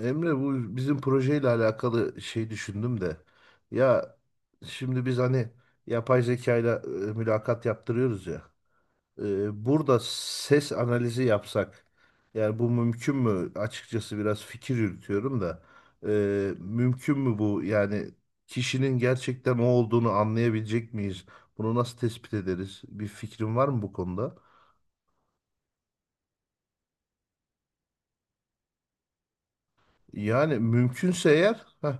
Emre, bu bizim projeyle alakalı şey düşündüm de. Ya şimdi biz hani yapay zekayla mülakat yaptırıyoruz ya. Burada ses analizi yapsak. Yani bu mümkün mü? Açıkçası biraz fikir yürütüyorum da. Mümkün mü bu? Yani kişinin gerçekten o olduğunu anlayabilecek miyiz? Bunu nasıl tespit ederiz? Bir fikrin var mı bu konuda? Yani mümkünse eğer.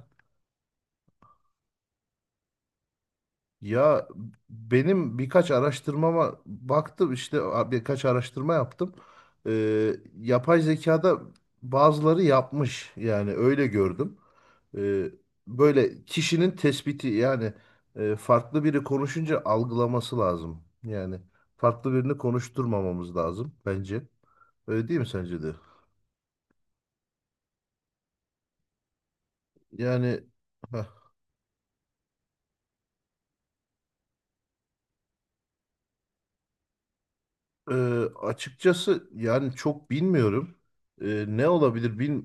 Ya benim birkaç araştırmama baktım işte birkaç araştırma yaptım. Yapay zekada bazıları yapmış, yani öyle gördüm. Ee, Böyle kişinin tespiti, yani farklı biri konuşunca algılaması lazım. Yani farklı birini konuşturmamamız lazım bence. Öyle değil mi sence de? Yani heh. Ee, Açıkçası yani çok bilmiyorum. Ne olabilir bil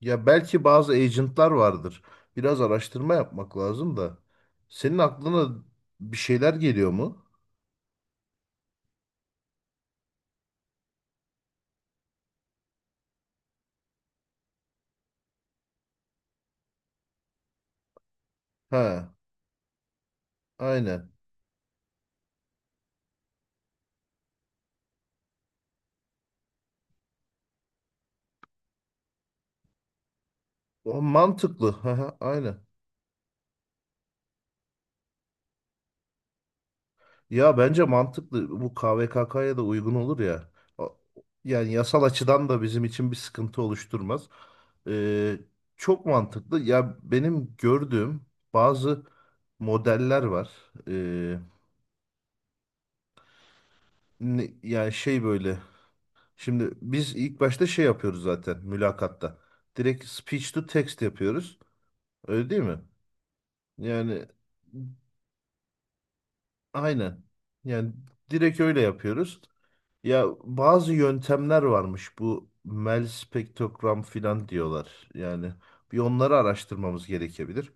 ya belki bazı agentlar vardır. Biraz araştırma yapmak lazım da. Senin aklına bir şeyler geliyor mu? Ha, aynen. O mantıklı. Ha hı, aynen. Ya bence mantıklı, bu KVKK'ya da uygun olur ya. O- Yani yasal açıdan da bizim için bir sıkıntı oluşturmaz. Ee, Çok mantıklı. Ya benim gördüğüm bazı modeller var. Ee, Yani şey böyle. Şimdi biz ilk başta şey yapıyoruz zaten mülakatta. Direkt speech to text yapıyoruz. Öyle değil mi? Yani aynen. Yani direkt öyle yapıyoruz. Ya bazı yöntemler varmış, bu Mel spektrogram filan diyorlar. Yani bir onları araştırmamız gerekebilir.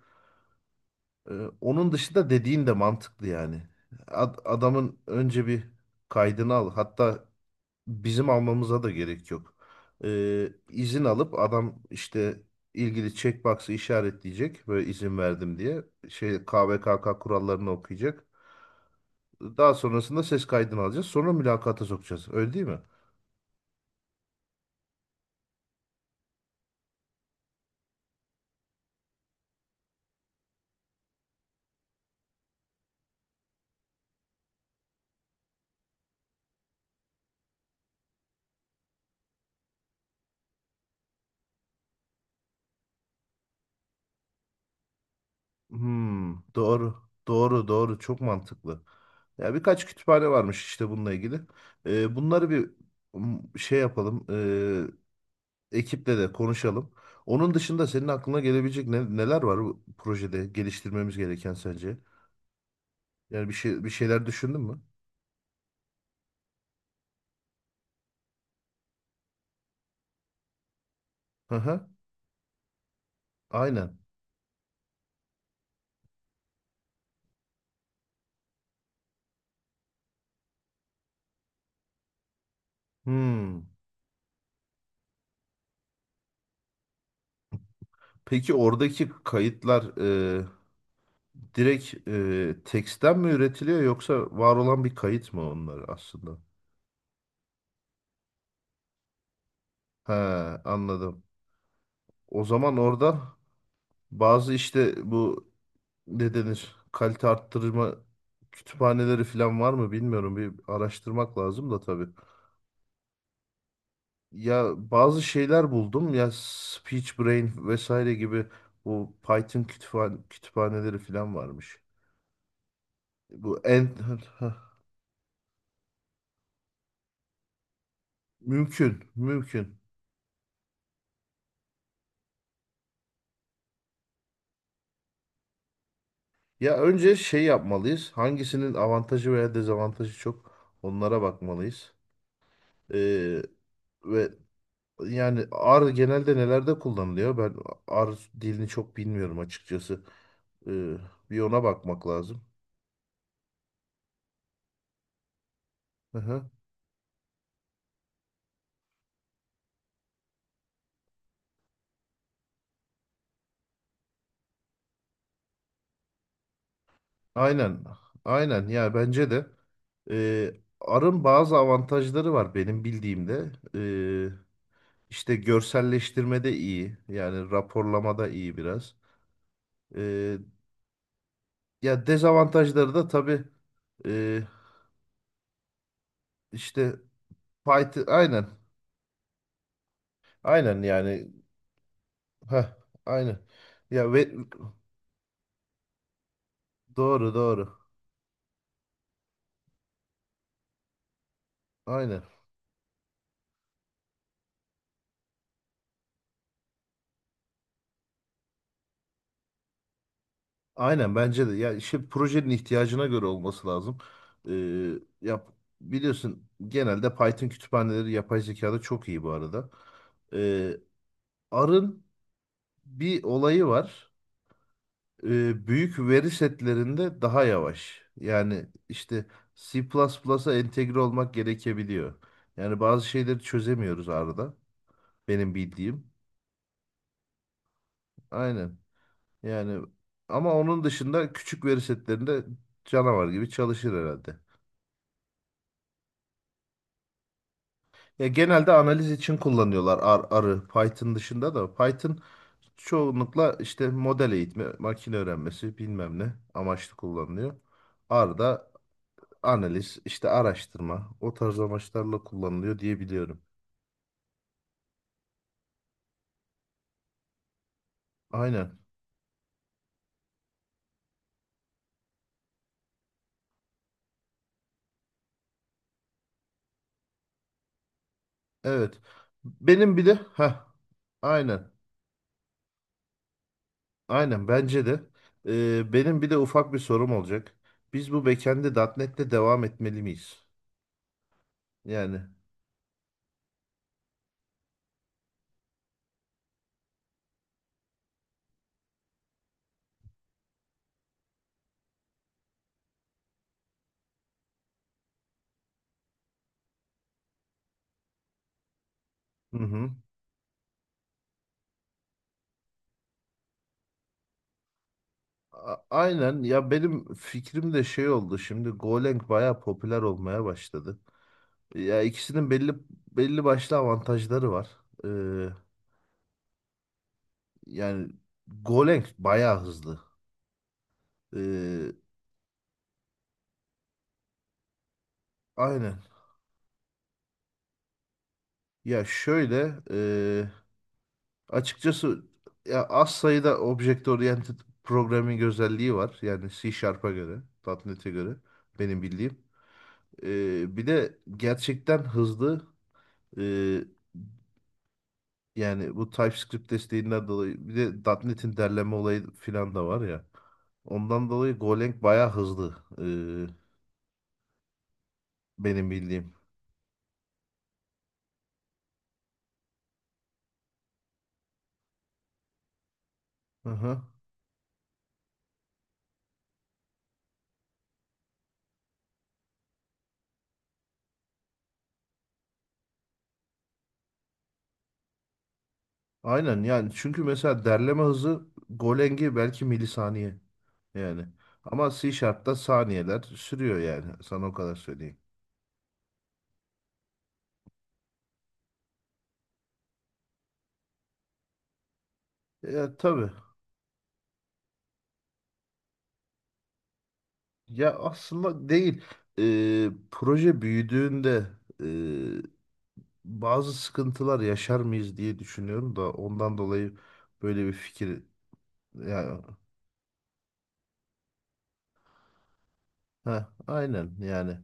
Ee, Onun dışında dediğin de mantıklı yani. Adamın önce bir kaydını al. Hatta bizim almamıza da gerek yok. İzin alıp adam işte ilgili checkbox'ı işaretleyecek, böyle izin verdim diye. Şey, KVKK kurallarını okuyacak. Daha sonrasında ses kaydını alacağız. Sonra mülakata sokacağız. Öyle değil mi? Hmm, doğru. Doğru, doğru. Çok mantıklı. Ya birkaç kütüphane varmış işte bununla ilgili. Bunları bir şey yapalım. Ekiple de konuşalım. Onun dışında senin aklına gelebilecek neler var bu projede geliştirmemiz gereken sence? Yani bir şeyler düşündün mü? Hı hı. Aynen. Hmm. Peki oradaki kayıtlar direkt teksten mi üretiliyor, yoksa var olan bir kayıt mı onlar aslında? He, anladım. O zaman orada bazı işte bu ne denir kalite arttırma kütüphaneleri falan var mı bilmiyorum. Bir araştırmak lazım da tabii. Ya bazı şeyler buldum ya, Speech Brain vesaire gibi bu Python kütüphaneleri falan varmış. Bu en mümkün, mümkün. Ya önce şey yapmalıyız. Hangisinin avantajı veya dezavantajı çok, onlara bakmalıyız. Ee, ve Yani R genelde nelerde kullanılıyor? Ben R dilini çok bilmiyorum açıkçası. Ee, Bir ona bakmak lazım. Hı hı. Aynen. Aynen. Ya bence de e, R'ın bazı avantajları var benim bildiğimde. İşte görselleştirmede iyi. Yani raporlamada iyi biraz. Ee, Ya dezavantajları da tabii e, işte Python, aynen. Aynen yani. Heh, aynen. Ya ve doğru, doğru. Aynen. Aynen bence de. Ya işte projenin ihtiyacına göre olması lazım. Ee, yap biliyorsun genelde Python kütüphaneleri yapay zekada çok iyi bu arada. Ee, R'ın bir olayı var. Büyük veri setlerinde daha yavaş. Yani işte C plus plusa entegre olmak gerekebiliyor. Yani bazı şeyleri çözemiyoruz R'da. Benim bildiğim. Aynen. Yani ama onun dışında küçük veri setlerinde canavar gibi çalışır herhalde. Ya genelde analiz için kullanıyorlar R'ı Python dışında da. Python çoğunlukla işte model eğitimi, makine öğrenmesi bilmem ne amaçlı kullanılıyor. R da analiz, işte araştırma o tarz amaçlarla kullanılıyor diye biliyorum. Aynen. Evet. Benim bir de ha aynen. Aynen bence de. Benim bir de ufak bir sorum olacak. Biz bu backend'e .NET'le devam etmeli miyiz? Yani hı hı. Aynen, ya benim fikrim de şey oldu, şimdi Golang bayağı popüler olmaya başladı. Ya ikisinin belli başlı avantajları var. Ee, Yani Golang bayağı hızlı. Ee, aynen. Ya şöyle açıkçası ya az sayıda object oriented programming özelliği var. Yani C Sharp'a göre, .nokta .NET'e göre benim bildiğim. Bir de gerçekten hızlı. Ee, Yani bu TypeScript desteğinden dolayı bir de .nokta .NET'in derleme olayı filan da var ya. Ondan dolayı Golang bayağı hızlı, benim bildiğim. Hı hı. Aynen yani, çünkü mesela derleme hızı Golang'i belki milisaniye yani. Ama C Sharp'ta saniyeler sürüyor, yani sana o kadar söyleyeyim. Ya tabii. Ya aslında değil. Proje büyüdüğünde bazı sıkıntılar yaşar mıyız diye düşünüyorum da, ondan dolayı böyle bir fikir, ya ha aynen yani.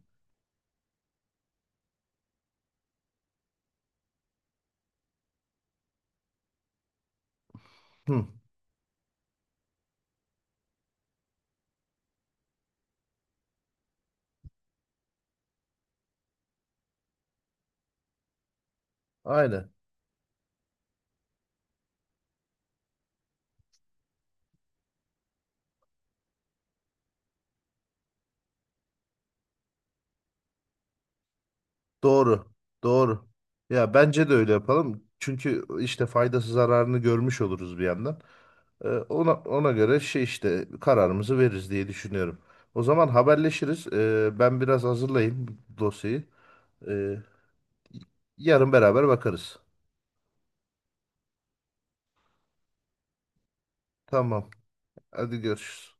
Hı, aynen. Doğru. Doğru. Ya bence de öyle yapalım. Çünkü işte faydası zararını görmüş oluruz bir yandan. Ona göre şey işte kararımızı veririz diye düşünüyorum. O zaman haberleşiriz. Ben biraz hazırlayayım dosyayı. Ee, Yarın beraber bakarız. Tamam. Hadi görüşürüz.